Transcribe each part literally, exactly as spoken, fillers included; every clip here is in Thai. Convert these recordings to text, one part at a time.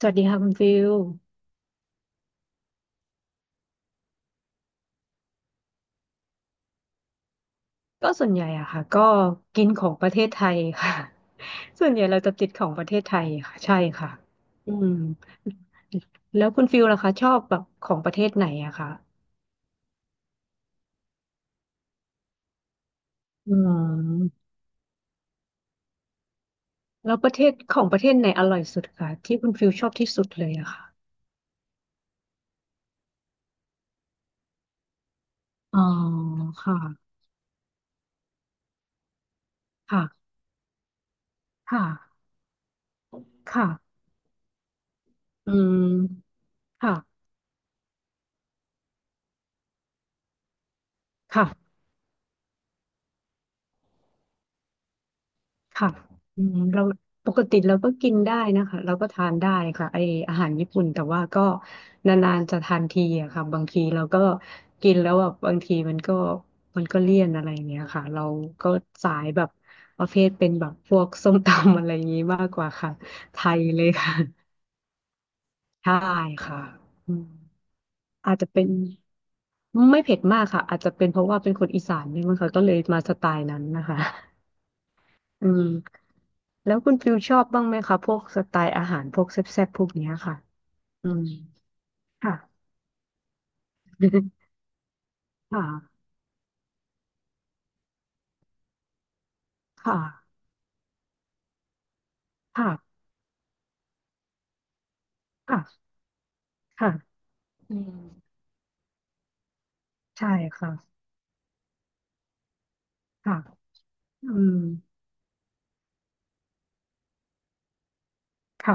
สวัสดีค่ะคุณฟิลก็ส่วนใหญ่อะค่ะก็กินของประเทศไทยค่ะ ส่วนใหญ่เราจะติดของประเทศไทยค่ะใช่ค่ะอืมแล้วคุณฟิลล่ะคะชอบแบบของประเทศไหนอะคะอืมแล้วประเทศของประเทศไหนอร่อยสุดคะที่คุณฟิลชอบที่สุดเลยอะค่ะอ๋อค่ะค่ะค่ะค่ะอืมค่ะค่ะ ค่ะอืมเราปกติเราก็กินได้นะคะเราก็ทานได้ค่ะไออาหารญี่ปุ่นแต่ว่าก็นานๆจะทานทีอะค่ะบางทีเราก็กินแล้วแบบบางทีมันก็มันก็เลี่ยนอะไรอย่างเงี้ยค่ะเราก็สายแบบประเภทเป็นแบบพวกส้มตำ อะไรอย่างงี้มากกว่าค่ะไทยเลยค่ะใช่ค่ะอืมอาจจะเป็นไม่เผ็ดมากค่ะอาจจะเป็นเพราะว่าเป็นคนอีสานด้วยมั้งค่ะก็เลยมาสไตล์นั้นนะคะ อืมแล้วคุณฟิวชอบบ้างไหมคะพวกสไตล์อาหารพวกแซ่บๆพวกเนี้ยค่ะอืมค่ะ ค่ะค่ะค่ะค่ะค่ะอืมใช่ค่ะค่ะอืมค่ะ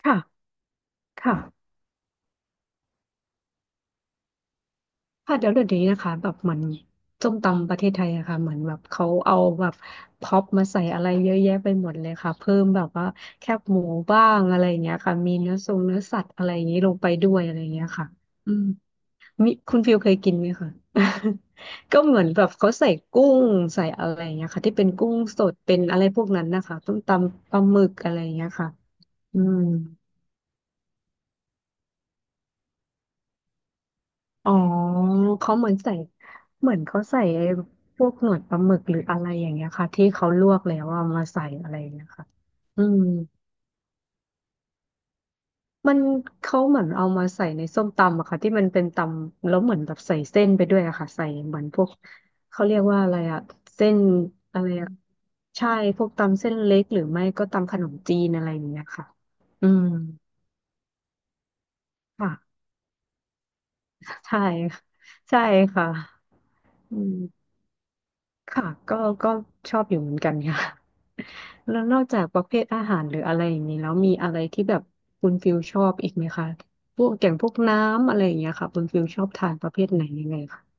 ค่ะค่ะค่ะเดี๋ยวเดี๋ยวนี้นะคะแบบเหมือนส้มตำประเทศไทยอะค่ะเหมือนแบบเขาเอาแบบพร็อปมาใส่อะไรเยอะแยะไปหมดเลยค่ะเพิ่มแบบว่าแคบหมูบ้างอะไรอย่างเงี้ยค่ะมีเนื้อทรงเนื้อสัตว์อะไรอย่างงี้ลงไปด้วยอะไรอย่างเงี้ยค่ะอืม มิคุณฟิลเคยกินไหมคะ ก็เหมือนแบบเขาใส่กุ้งใส่อะไรอย่างเงี้ยค่ะที่เป็นกุ้งสดเป็นอะไรพวกนั้นนะคะต้มตำปลาหมึกอะไรอย่างเงี้ยค่ะอืมอ๋อเขาเหมือนใส่เหมือนเขาใส่ไอ้พวกหนวดปลาหมึกหรืออะไรอย่างเงี้ยค่ะที่เขาลวกแล้วเอามาใส่อะไรอย่างเงี้ยค่ะอืม มันเขาเหมือนเอามาใส่ในส้มตำอะค่ะที่มันเป็นตำแล้วเหมือนแบบใส่เส้นไปด้วยอะค่ะใส่เหมือนพวกเขาเรียกว่าอะไรอะเส้นอะไรอะใช่พวกตำเส้นเล็กหรือไม่ก็ตำขนมจีนอะไรอย่างเงี้ยค่ะอืมค่ะใช่ค่ะใช่ค่ะอืมค่ะก็ก็ชอบอยู่เหมือนกันค่ะแล้วนอกจากประเภทอาหารหรืออะไรอย่างนี้แล้วมีอะไรที่แบบคุณฟิลชอบอีกไหมคะพวกอย่างพวกน้ำอะไรอย่างเงี้ยค่ะคุณฟิลชอบทานประเภทไหนยังไงคะ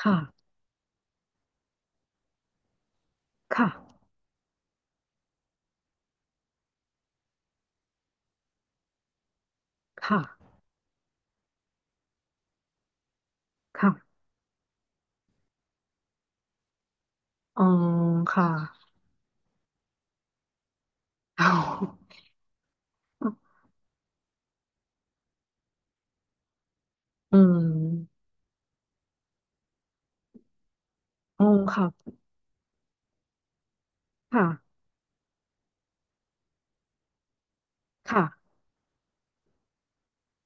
ค่ะ ค่ะ ค่ะค่ะอ๋อค่ะ อืมอ๋อค่ะค่ะค่ะ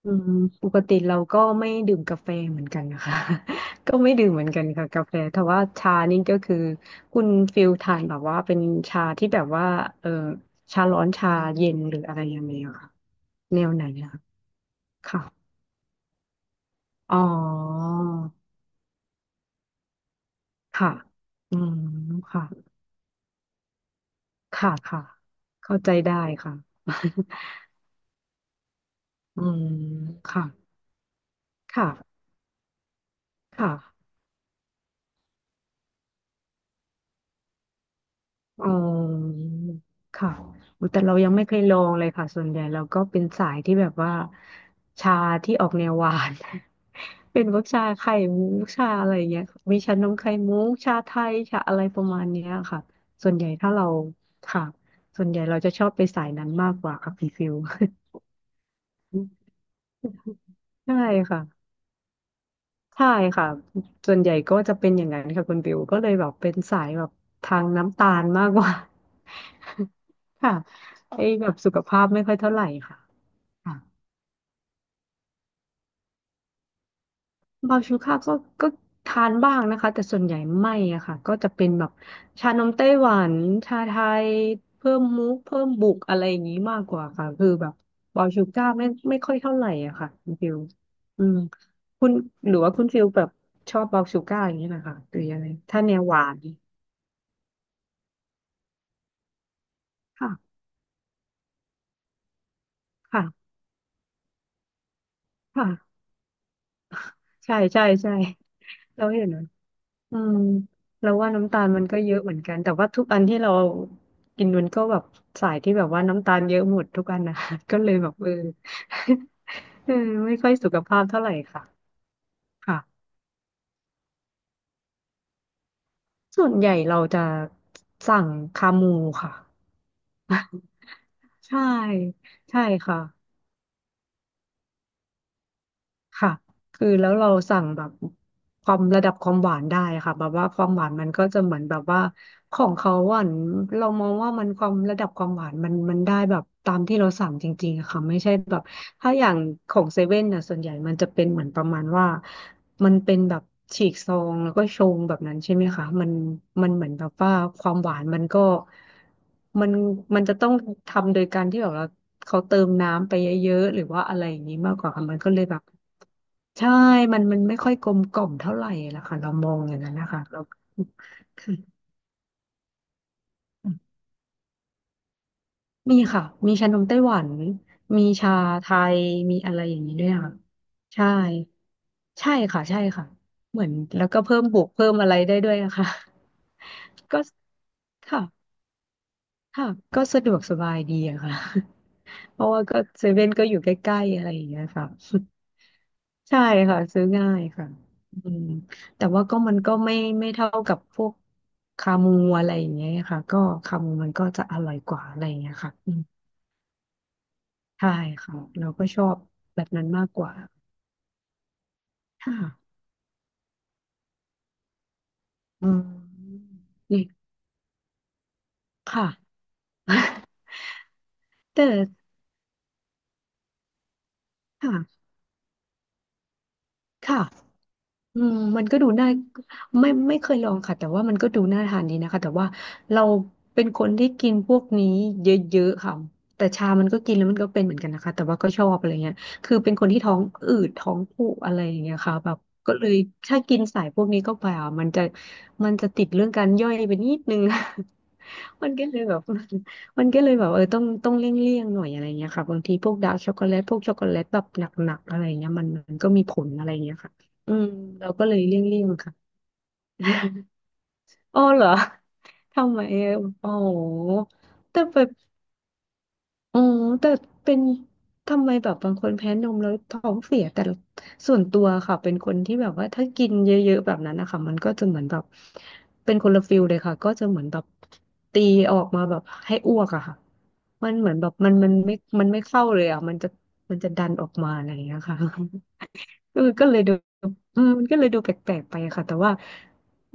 อืมปกติเราก็ไม่ดื่มกาแฟเหมือนกันนะคะ ก็ไม่ดื่มเหมือนกันค่ะกาแฟแต่ว่าชานี่ก็คือคุณฟิลทานแบบว่าเป็นชาที่แบบว่าเออชาร้อนชาเย็นหรืออะไรยังไงอะค่ะแนวไหนนะคะค่ะอ๋อค่ะอืมค่ะค่ะค่ะเข้าใจได้ค่ะ อืมค่ะ ค่ะค่ะเออค่ะอุ๊ยแต่เรายังไม่เคยลองเลยค่ะส่วนใหญ่เราก็เป็นสายที่แบบว่าชาที่ออกแนวหวาน เป็นพวกชาไข่มุกชาอะไรอย่างเงี้ยมีชานมไข่มุกชาไทย ชาอะไรประมาณเนี้ยค่ะส่วนใหญ่ถ้าเราค่ะ ส่วนใหญ่เราจะชอบไปสายนั้นมากกว่าค่ะพี่ฟิว ใช่ค่ะ ใช่ค่ะส่วนใหญ่ก็จะเป็นอย่างนั้นค่ะคุณบิวก็เลยแบบเป็นสายแบบทางน้ำตาลมากกว่า ค่ะไอ้แบบสุขภาพไม่ค่อยเท่าไหร่ค่ะค่ะบาชูค่าก็ก็ทานบ้างนะคะแต่ส่วนใหญ่ไม่อะค่ะก็จะเป็นแบบชานมไต้หวันชาไทยเพิ่มมุกเพิ่มบุกอะไรอย่างนี้มากกว่าค่ะคือแบบบาชูก้าไม่ไม่ค่อยเท่าไหร่อะค่ะคุณฟิวอืมคุณหรือว่าคุณฟิวแบบชอบบาชูก้าอย่างนี้นะคะหรือยังไงถ้าแนวหวาน ค่ะค่ะค่ะ ใช่ใช่ใช่เราเห็นนะอืมเราว่าน้ำตาลมันก็เยอะเหมือนกันแต่ว่าทุกอันที่เรากินมันก็แบบสายที่แบบว่าน้ำตาลเยอะหมดทุกอันนะ ก็เลยแบบเออ เออไม่ค่อยสุขภาพเท่าไหร่ค่ะค่ะส่วนใหญ่เราจะสั่งคามูค่ะ ใช่ใช่ค่ะ ค่ะคือแล้วเราสั่งแบบความระดับความหวานได้ค่ะแบบว่าความหวานมันก็จะเหมือนแบบว่าของเขาหวานเรามองว่ามันความระดับความหวานมันมันได้แบบตามที่เราสั่งจริงๆอะค่ะไม่ใช่แบบถ้าอย่างของเซเว่นน่ะส่วนใหญ่มันจะเป็นเหมือนประมาณว่ามันเป็นแบบฉีกซองแล้วก็ชงแบบนั้นใช่ไหมคะมันมันเหมือนแบบว่าความหวานมันก็มันมันจะต้องทำโดยการที่แบบเราเขาเติมน้ำไปเยอะๆหรือว่าอะไรอย่างนี้มากกว่าค่ะมันก็เลยแบบ ใช่มันมันไม่ค่อยกลมกล่อมเท่าไหร่ละค่ะเรามองอย่างนั้นนะคะเราคะ มีค่ะมีชานมไต้หวัน มีชาไทย มีอะไรอย่างนี้ด้วยค่ะใช่ใช่ค่ะใช่ค่ะเหมือนแล้วก็เพิ่มบวกเพิ่มอะไรได้ด้วยนะคะ ก็ค่ะค่ะก็สะดวกสบายดีอะค่ะ เพราะว่าก็เซเว่นก็อยู่ใกล้ๆอะไรอย่างเงี้ยค่ะ ใช่ค่ะซื้อง่ายค่ะอืมแต่ว่าก็มันก็ไม่ไม่เท่ากับพวกคามูอะไรอย่างเงี้ยค่ะก็คามูมันก็จะอร่อยกว่าอะไรอย่างเงี้ยค่ะอืมใช่ค่ะเราก็ชอบแบบนั้นมากกว่าค่ะอืมนี่ค่ะ แต่ค่ะค่ะ อืมมันก็ดูน่าไม่ไม่เคยลองค่ะแต่ว่ามันก็ดูน่าทานดีนะคะแต่ว่าเราเป็นคนที่กินพวกนี้เยอะๆค่ะแต่ชามันก็กินแล้วมันก็เป็นเหมือนกันนะคะแต่ว่าก็ชอบอะไรเงี้ยคือเป็นคนที่ท้องอืดท้องผูกอะไรอย่างเงี้ยค่ะแบบก็เลยถ้ากินสายพวกนี้เข้าไปอ่ะมันจะมันจะติดเรื่องการย่อยไปนิดนึง มันก็เลยแบบมันก็เลยแบบเออต้องต้องเลี่ยงเลี่ยงหน่อยอะไรเงี้ยค่ะบางทีพวกดาร์กช็อกโกแลตพวกช็อกโกแลตแบบหนักๆอะไรเงี้ยมันมันก็มีผลอะไรเงี้ยค่ะ อืมเราก็เลยเลี่ยงๆค่ะ อ๋อเหรอทำไมอะอ๋อแต่แบบอ๋อแต่เป็นทำไมแบบบางคนแพ้นมแล้วท้องเสียแต่ส่วนตัวค่ะเป็นคนที่แบบว่าถ้ากินเยอะๆแบบนั้นนะคะมันก็จะเหมือนแบบเป็นคนละฟิลเลยค่ะก็จะเหมือนแบบตีออกมาแบบให้อ้วกอะค่ะมันเหมือนแบบมันมันไม่มันไม่เข้าเลยอะมันจะมันจะดันออกมาอะไรอย่างเงี้ยค่ะ เออก็เลยดูเออมันก็เลยดูแปลกๆไปอะค่ะแต่ว่า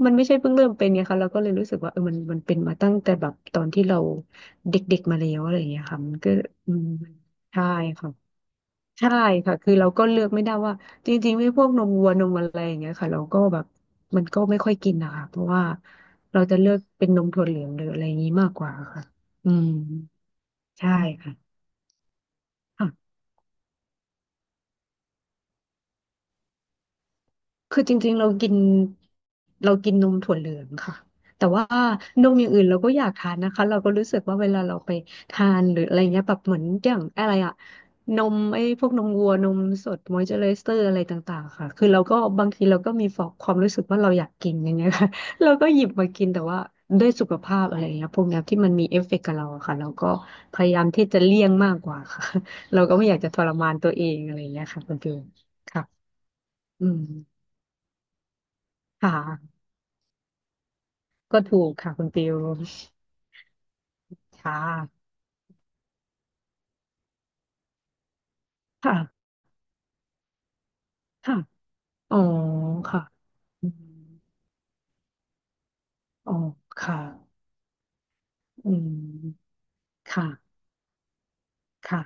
มันไม่ใช่เพิ่งเริ่มเป็นไงคะเราก็เลยรู้สึกว่าเออมันมันเป็นมาตั้งแต่แบบตอนที่เราเด็กๆมาแล้วอะไรอย่างเงี้ยค่ะมันก็อืมใช่ค่ะใช่ค่ะคือเราก็เลือกไม่ได้ว่าจริงๆไม่พวกนมวัวนมอะไรอย่างเงี้ยค่ะเราก็แบบมันก็ไม่ค่อยกินนะคะเพราะว่าเราจะเลือกเป็นนมถั่วเหลืองหรืออะไรอย่างงี้มากกว่าค่ะอืมใช่ค่ะ คือจริงๆเรากินเรากินนมถั่วเหลืองค่ะแต่ว่านมอย่างอื่นเราก็อยากทานนะคะเราก็รู้สึกว่าเวลาเราไปทานหรืออะไรเงี้ยแบบเหมือนอย่างอะไรอะนมไอ้พวกนมวัวนมสดมอยเจอไรเซอร์อะไรต่างๆค่ะคือเราก็บางทีเราก็มีฟอกความรู้สึกว่าเราอยากกินอย่างเงี้ยค่ะ เราก็หยิบมากินแต่ว่าด้วยสุขภาพอะไรเงี้ยพวกเนี้ยที่มันมีเอฟเฟกต์กับเราอะค่ะเราก็พยายามที่จะเลี่ยงมากกว่าค่ะ เราก็ไม่อยากจะทรมานตัวเองอะไรเงี้ยค่ะคุณฟิลค่ะอืมค่ะ ก็ถูกค่ะคุณฟิวค่ะค่ะ ค่ะ อ๋อค่ะอืมอ๋อค่ะอืมค่ะ ค่ะ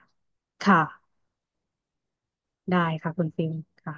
ค่ะ ได้ค่ะคุณฟิวค่ะ